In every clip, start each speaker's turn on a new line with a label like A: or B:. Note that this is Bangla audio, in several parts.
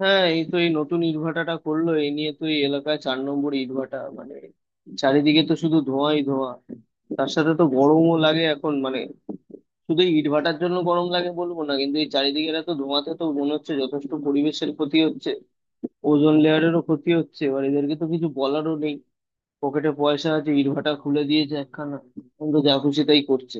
A: হ্যাঁ, এই তো এই নতুন ইটভাটাটা করলো। এই নিয়ে তো এই এলাকায় চার নম্বর ইটভাটা, মানে চারিদিকে তো শুধু ধোঁয়াই ধোঁয়া। তার সাথে তো গরমও লাগে এখন, মানে শুধু এই ইটভাটার জন্য গরম লাগে বলবো না, কিন্তু এই চারিদিকে এত ধোঁয়াতে তো মনে হচ্ছে যথেষ্ট পরিবেশের ক্ষতি হচ্ছে, ওজোন লেয়ারেরও ক্ষতি হচ্ছে। এবার এদেরকে তো কিছু বলারও নেই, পকেটে পয়সা আছে, ইটভাটা খুলে দিয়েছে একখানা, এখন তো যা খুশি তাই করছে।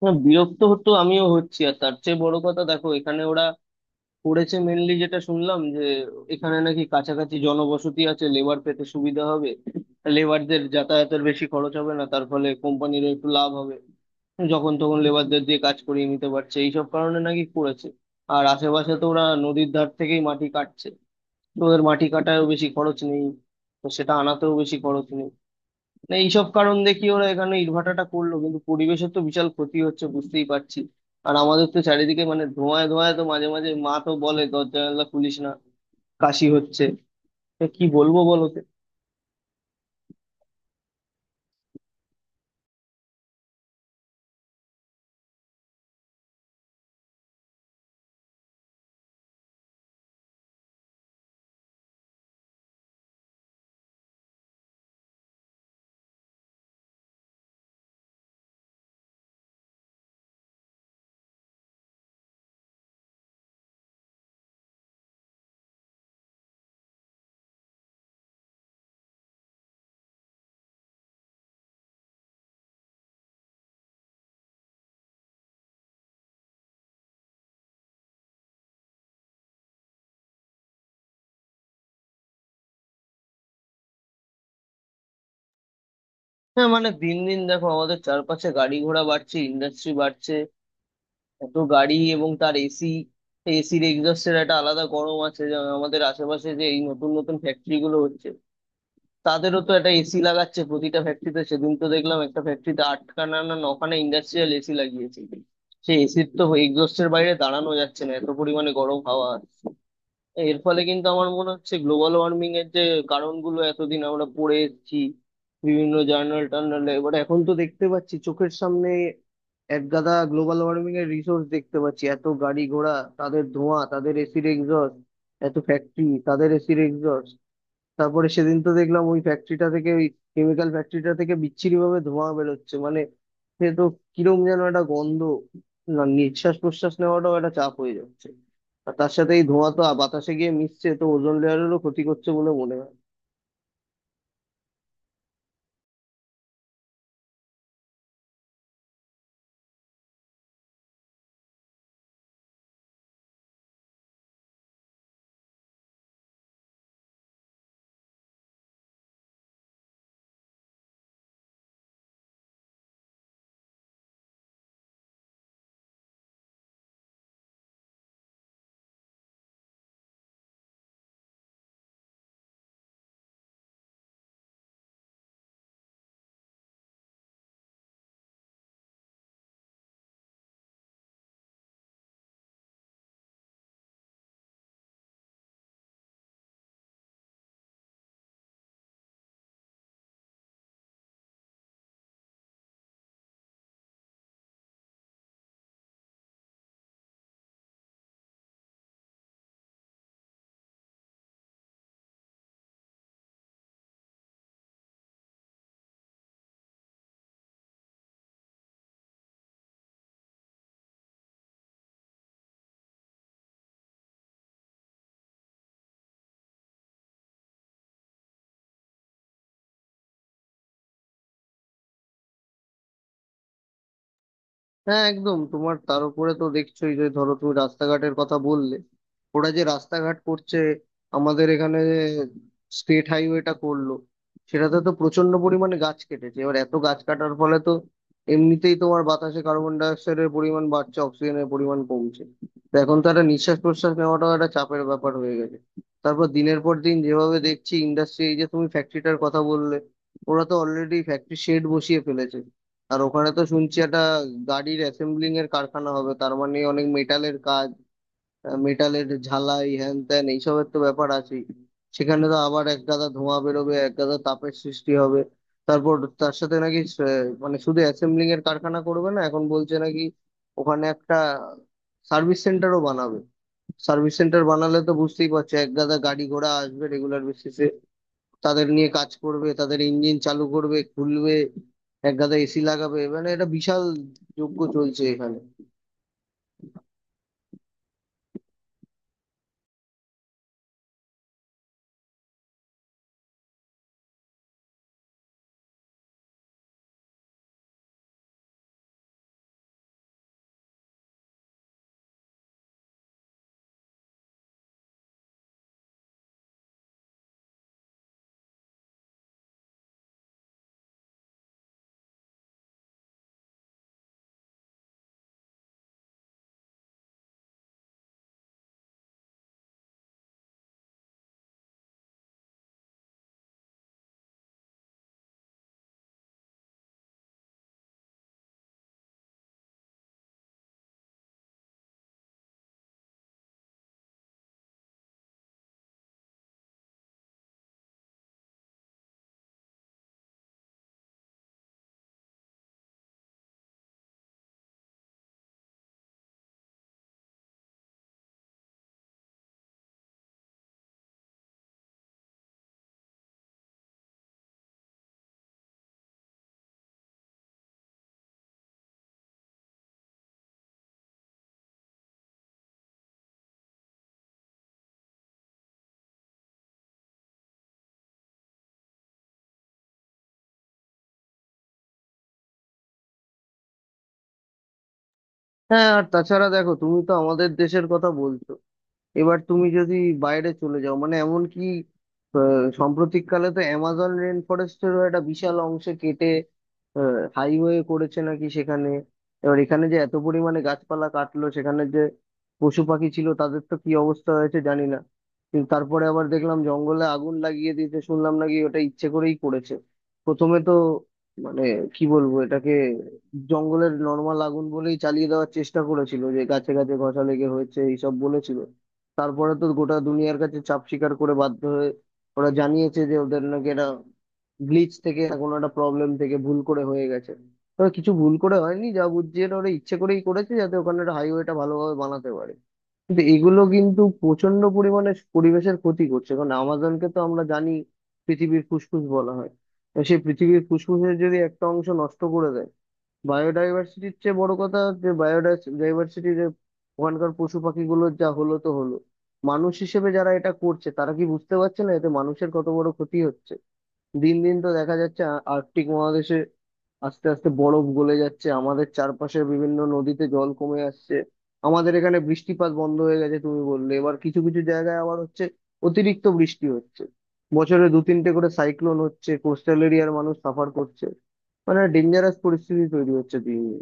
A: হ্যাঁ, বিরক্ত হতো আমিও হচ্ছি, আর তার চেয়ে বড় কথা দেখো, এখানে করেছে মেনলি, যেটা শুনলাম যে এখানে নাকি কাছাকাছি জনবসতি আছে, লেবার পেতে সুবিধা হবে, লেবারদের যাতায়াতের বেশি খরচ হবে না, তার ফলে কোম্পানিরও একটু লাভ হবে, যখন তখন লেবারদের দিয়ে কাজ করিয়ে নিতে পারছে, এইসব কারণে নাকি করেছে। আর আশেপাশে তো ওরা নদীর ধার থেকেই মাটি কাটছে, তো ওদের মাটি কাটায়ও বেশি খরচ নেই, তো সেটা আনাতেও বেশি খরচ নেই। না, এইসব কারণ দেখি ওরা এখানে ইটভাটাটা করলো, কিন্তু পরিবেশের তো বিশাল ক্ষতি হচ্ছে, বুঝতেই পারছি। আর আমাদের তো চারিদিকে মানে ধোঁয়ায় ধোঁয়ায় তো মাঝে মাঝে মা তো বলে দরজা জানলা খুলিস না, কাশি হচ্ছে। তা কি বলবো বলো তো? হ্যাঁ, মানে দিন দিন দেখো আমাদের চারপাশে গাড়ি ঘোড়া বাড়ছে, ইন্ডাস্ট্রি বাড়ছে, এত গাড়ি এবং তার এসি, এসির এক্সস্টের একটা আলাদা গরম আছে। যা আমাদের আশেপাশে যে এই নতুন নতুন ফ্যাক্টরি গুলো হচ্ছে, তাদেরও তো একটা এসি লাগাচ্ছে প্রতিটা ফ্যাক্টরিতে। সেদিন তো দেখলাম একটা ফ্যাক্টরিতে আটখানা না নখানা ইন্ডাস্ট্রিয়াল এসি লাগিয়েছে। সেই এসির তো এক্সস্টের বাইরে দাঁড়ানো যাচ্ছে না, এত পরিমাণে গরম হাওয়া আসছে। এর ফলে কিন্তু আমার মনে হচ্ছে গ্লোবাল ওয়ার্মিং এর যে কারণগুলো এতদিন আমরা পড়ে এসেছি বিভিন্ন জার্নাল টার্নালে, এবার এখন তো দেখতে পাচ্ছি চোখের সামনে এক গাদা গ্লোবাল ওয়ার্মিং এর রিসোর্স দেখতে পাচ্ছি। এত গাড়ি ঘোড়া, তাদের ধোঁয়া, তাদের এসির এক্সস্ট, এত ফ্যাক্টরি, তাদের এসির এক্সস্ট। তারপরে সেদিন তো দেখলাম ওই ফ্যাক্টরিটা থেকে, ওই কেমিক্যাল ফ্যাক্টরিটা থেকে বিচ্ছিরি ভাবে ধোঁয়া বেরোচ্ছে, মানে সে তো কিরম যেন একটা গন্ধ, না নিঃশ্বাস প্রশ্বাস নেওয়াটাও একটা চাপ হয়ে যাচ্ছে। আর তার সাথে এই ধোঁয়া তো বাতাসে গিয়ে মিশছে, তো ওজোন লেয়ারেরও ক্ষতি করছে বলে মনে হয়। হ্যাঁ, একদম, তোমার তার উপরে তো দেখছোই যে ধরো তুমি রাস্তাঘাটের কথা বললে, ওরা যে রাস্তাঘাট করছে আমাদের এখানে, স্টেট হাইওয়েটা করলো, সেটাতে তো প্রচন্ড পরিমাণে গাছ কেটেছে। এবার এত গাছ কাটার ফলে তো এমনিতেই তোমার বাতাসে কার্বন ডাই অক্সাইডের পরিমাণ বাড়ছে, অক্সিজেনের পরিমাণ কমছে, তো এখন তো একটা নিঃশ্বাস প্রশ্বাস নেওয়াটাও একটা চাপের ব্যাপার হয়ে গেছে। তারপর দিনের পর দিন যেভাবে দেখছি ইন্ডাস্ট্রি, এই যে তুমি ফ্যাক্টরিটার কথা বললে, ওরা তো অলরেডি ফ্যাক্টরি শেড বসিয়ে ফেলেছে। আর ওখানে তো শুনছি একটা গাড়ির অ্যাসেম্বলিং এর কারখানা হবে, তার মানে অনেক মেটালের কাজ, মেটালের ঝালাই হ্যান ত্যান এইসবের তো ব্যাপার আছে, সেখানে তো আবার এক গাদা ধোঁয়া বেরোবে, এক গাদা তাপের সৃষ্টি হবে। তারপর তার সাথে নাকি মানে শুধু অ্যাসেম্বলিং এর কারখানা করবে না, এখন বলছে নাকি ওখানে একটা সার্ভিস সেন্টারও বানাবে। সার্ভিস সেন্টার বানালে তো বুঝতেই পারছো এক গাদা গাড়ি ঘোড়া আসবে রেগুলার বেসিসে, তাদের নিয়ে কাজ করবে, তাদের ইঞ্জিন চালু করবে, খুলবে, এক গাদা এসি লাগাবে, মানে এটা বিশাল যজ্ঞ চলছে এখানে। হ্যাঁ আর তাছাড়া দেখো, তুমি তো আমাদের দেশের কথা বলছো, এবার তুমি যদি বাইরে চলে যাও, মানে এমন কি আহ, সাম্প্রতিককালে তো অ্যামাজন রেন ফরেস্টেরও একটা বিশাল অংশ কেটে হাইওয়ে করেছে নাকি সেখানে। এবার এখানে যে এত পরিমাণে গাছপালা কাটলো, সেখানে যে পশু পাখি ছিল তাদের তো কি অবস্থা হয়েছে জানি না, কিন্তু তারপরে আবার দেখলাম জঙ্গলে আগুন লাগিয়ে দিয়েছে, শুনলাম নাকি ওটা ইচ্ছে করেই করেছে। প্রথমে তো মানে কি বলবো এটাকে, জঙ্গলের নর্মাল আগুন বলেই চালিয়ে দেওয়ার চেষ্টা করেছিল, যে গাছে গাছে ঘষা লেগে হয়েছে এইসব বলেছিল। তারপরে তো গোটা দুনিয়ার কাছে চাপ স্বীকার করে বাধ্য হয়ে ওরা জানিয়েছে যে ওদের নাকি এটা গ্লিচ থেকে না কোনো একটা প্রবলেম থেকে ভুল করে হয়ে গেছে। তবে কিছু ভুল করে হয়নি, যা বুঝছি এটা ওরা ইচ্ছে করেই করেছে, যাতে ওখানে একটা হাইওয়েটা ভালোভাবে বানাতে পারে। কিন্তু এগুলো কিন্তু প্রচন্ড পরিমাণে পরিবেশের ক্ষতি করছে, কারণ আমাজনকে তো আমরা জানি পৃথিবীর ফুসফুস বলা হয়। তো সেই পৃথিবীর ফুসফুসের যদি একটা অংশ নষ্ট করে দেয়, বায়োডাইভার্সিটির চেয়ে বড় কথা, যে বায়োডাইভার্সিটির ওখানকার পশু পাখিগুলো যা হলো তো হলো, মানুষ হিসেবে যারা এটা করছে তারা কি বুঝতে পারছে না এতে মানুষের কত বড় ক্ষতি হচ্ছে? দিন দিন তো দেখা যাচ্ছে আর্কটিক মহাদেশে আস্তে আস্তে বরফ গলে যাচ্ছে, আমাদের চারপাশের বিভিন্ন নদীতে জল কমে আসছে, আমাদের এখানে বৃষ্টিপাত বন্ধ হয়ে গেছে, তুমি বললে এবার কিছু কিছু জায়গায় আবার হচ্ছে অতিরিক্ত বৃষ্টি হচ্ছে, বছরে দু তিনটে করে সাইক্লোন হচ্ছে, কোস্টাল এরিয়ার মানুষ সাফার করছে, মানে ডেঞ্জারাস পরিস্থিতি তৈরি হচ্ছে দিন দিন।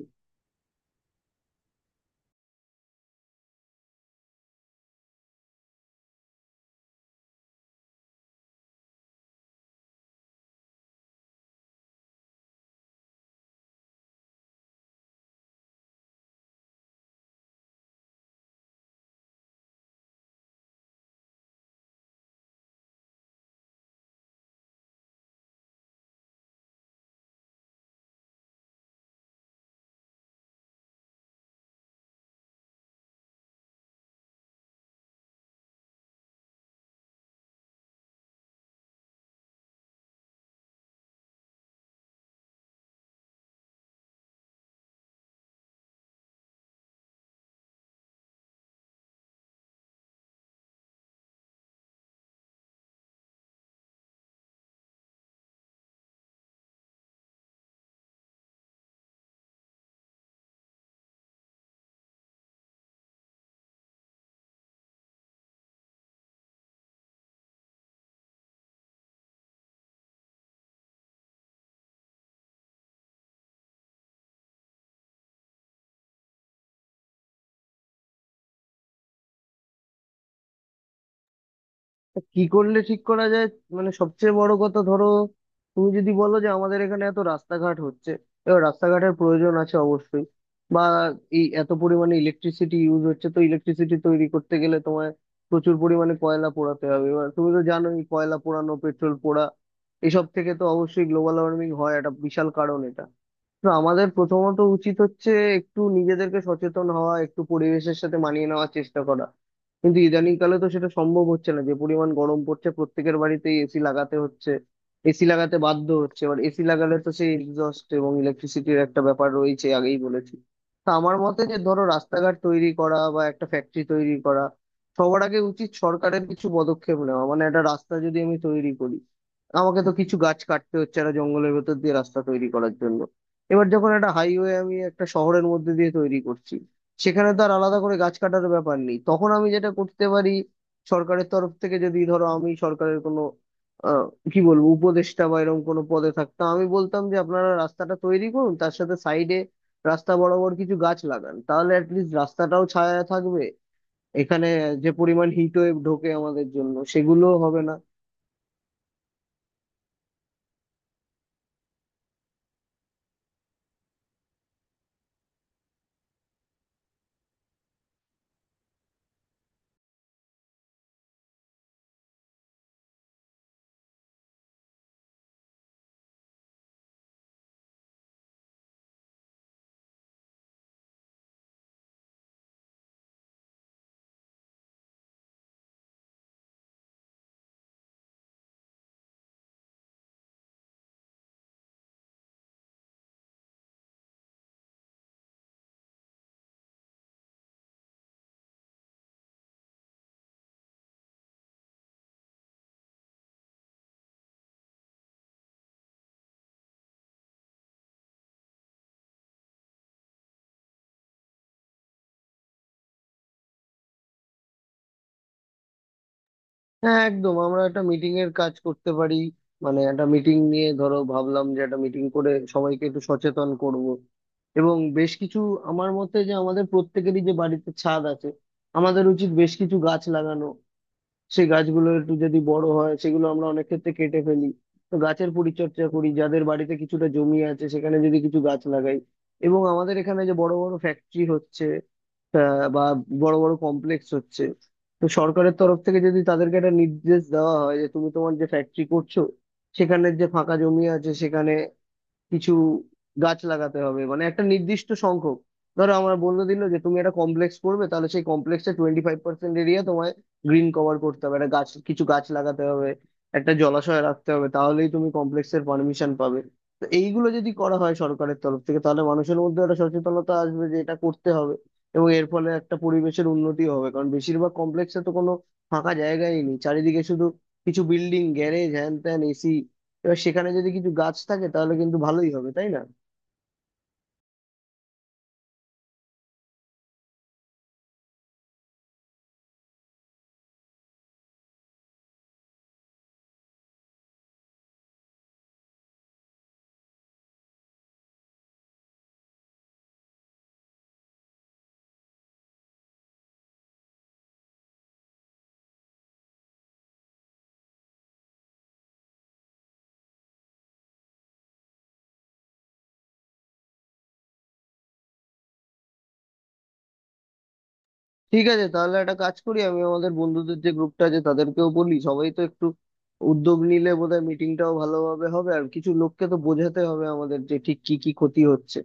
A: তা কি করলে ঠিক করা যায়, মানে সবচেয়ে বড় কথা ধরো, তুমি যদি বলো যে আমাদের এখানে এত রাস্তাঘাট হচ্ছে, এবার রাস্তাঘাটের প্রয়োজন আছে অবশ্যই, বা এই এত পরিমাণে ইলেকট্রিসিটি ইউজ হচ্ছে, তো ইলেকট্রিসিটি তৈরি করতে গেলে তোমায় প্রচুর পরিমাণে কয়লা পোড়াতে হবে। এবার তুমি তো জানোই কয়লা পোড়ানো, পেট্রোল পোড়া, এসব থেকে তো অবশ্যই গ্লোবাল ওয়ার্মিং হয়, একটা বিশাল কারণ এটা। তো আমাদের প্রথমত উচিত হচ্ছে একটু নিজেদেরকে সচেতন হওয়া, একটু পরিবেশের সাথে মানিয়ে নেওয়ার চেষ্টা করা, কিন্তু ইদানিং কালে তো সেটা সম্ভব হচ্ছে না, যে পরিমাণ গরম পড়ছে প্রত্যেকের বাড়িতেই এসি লাগাতে হচ্ছে, এসি লাগাতে বাধ্য হচ্ছে। এবার এসি লাগালে তো সেই এক্সস্ট এবং ইলেকট্রিসিটির একটা ব্যাপার রয়েছে, আগেই বলেছি। তা আমার মতে যে ধরো রাস্তাঘাট তৈরি করা বা একটা ফ্যাক্টরি তৈরি করা, সবার আগে উচিত সরকারের কিছু পদক্ষেপ নেওয়া। মানে একটা রাস্তা যদি আমি তৈরি করি, আমাকে তো কিছু গাছ কাটতে হচ্ছে একটা জঙ্গলের ভেতর দিয়ে রাস্তা তৈরি করার জন্য। এবার যখন একটা হাইওয়ে আমি একটা শহরের মধ্যে দিয়ে তৈরি করছি, সেখানে তো আর আলাদা করে গাছ কাটার ব্যাপার নেই, তখন আমি যেটা করতে পারি, সরকারের তরফ থেকে যদি ধরো আমি সরকারের কোনো আহ, কি বলবো উপদেষ্টা বা এরকম কোনো পদে থাকতাম, আমি বলতাম যে আপনারা রাস্তাটা তৈরি করুন, তার সাথে সাইডে রাস্তা বরাবর কিছু গাছ লাগান, তাহলে অ্যাটলিস্ট রাস্তাটাও ছায়া থাকবে, এখানে যে পরিমাণ হিট ওয়েভ ঢোকে আমাদের জন্য সেগুলো হবে না। হ্যাঁ একদম, আমরা একটা মিটিং এর কাজ করতে পারি, মানে একটা মিটিং নিয়ে ধরো ভাবলাম যে একটা মিটিং করে সবাইকে একটু সচেতন করব এবং বেশ কিছু, আমার মতে যে আমাদের প্রত্যেকেরই যে বাড়িতে ছাদ আছে, আমাদের উচিত বেশ কিছু গাছ লাগানো। সেই গাছগুলো একটু যদি বড় হয় সেগুলো আমরা অনেক ক্ষেত্রে কেটে ফেলি, তো গাছের পরিচর্যা করি, যাদের বাড়িতে কিছুটা জমি আছে সেখানে যদি কিছু গাছ লাগাই। এবং আমাদের এখানে যে বড় বড় ফ্যাক্টরি হচ্ছে, বা বড় বড় কমপ্লেক্স হচ্ছে, তো সরকারের তরফ থেকে যদি তাদেরকে একটা নির্দেশ দেওয়া হয় যে তুমি তোমার যে ফ্যাক্টরি করছো, সেখানের যে ফাঁকা জমি আছে সেখানে কিছু গাছ লাগাতে হবে, মানে একটা নির্দিষ্ট সংখ্যক। ধরো আমার বলে দিল যে তুমি একটা কমপ্লেক্স করবে, তাহলে সেই কমপ্লেক্সে 25% এরিয়া তোমায় গ্রিন কভার করতে হবে, একটা গাছ কিছু গাছ লাগাতে হবে, একটা জলাশয় রাখতে হবে, তাহলেই তুমি কমপ্লেক্সের পারমিশন পাবে। তো এইগুলো যদি করা হয় সরকারের তরফ থেকে, তাহলে মানুষের মধ্যে একটা সচেতনতা আসবে যে এটা করতে হবে, এবং এর ফলে একটা পরিবেশের উন্নতি হবে। কারণ বেশিরভাগ কমপ্লেক্সে তো কোনো ফাঁকা জায়গাই নেই, চারিদিকে শুধু কিছু বিল্ডিং, গ্যারেজ, হ্যান ত্যান, এসি। এবার সেখানে যদি কিছু গাছ থাকে তাহলে কিন্তু ভালোই হবে তাই না? ঠিক আছে, তাহলে একটা কাজ করি, আমি আমাদের বন্ধুদের যে গ্রুপটা আছে তাদেরকেও বলি, সবাই তো একটু উদ্যোগ নিলে বোধহয় মিটিংটাও ভালোভাবে হবে, আর কিছু লোককে তো বোঝাতে হবে আমাদের যে ঠিক কি কি ক্ষতি হচ্ছে,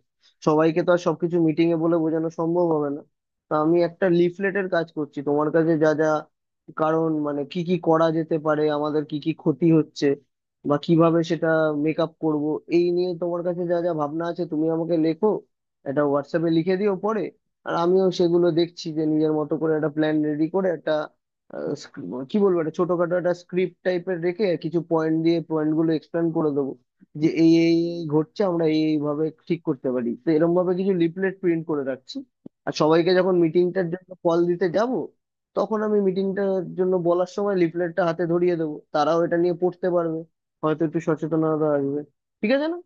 A: সবাইকে তো আর সবকিছু মিটিং এ বলে বোঝানো সম্ভব হবে না। তা আমি একটা লিফলেটের কাজ করছি, তোমার কাছে যা যা কারণ মানে কি কি করা যেতে পারে, আমাদের কি কি ক্ষতি হচ্ছে, বা কিভাবে সেটা মেকআপ করব, এই নিয়ে তোমার কাছে যা যা ভাবনা আছে তুমি আমাকে লেখো, এটা হোয়াটসঅ্যাপে লিখে দিও পরে। আর আমিও সেগুলো দেখছি, যে নিজের মতো করে একটা প্ল্যান রেডি করে একটা কি বলবো, একটা ছোটখাটো একটা স্ক্রিপ্ট টাইপের রেখে কিছু পয়েন্ট দিয়ে পয়েন্ট গুলো এক্সপ্লেন করে দেবো যে এই এই এই ঘটছে, আমরা এই এই ভাবে ঠিক করতে পারি, তো এরকম ভাবে কিছু লিফলেট প্রিন্ট করে রাখছি। আর সবাইকে যখন মিটিংটার জন্য কল দিতে যাব, তখন আমি মিটিংটার জন্য বলার সময় লিফলেটটা হাতে ধরিয়ে দেবো, তারাও এটা নিয়ে পড়তে পারবে, হয়তো একটু সচেতনতা আসবে। ঠিক আছে না?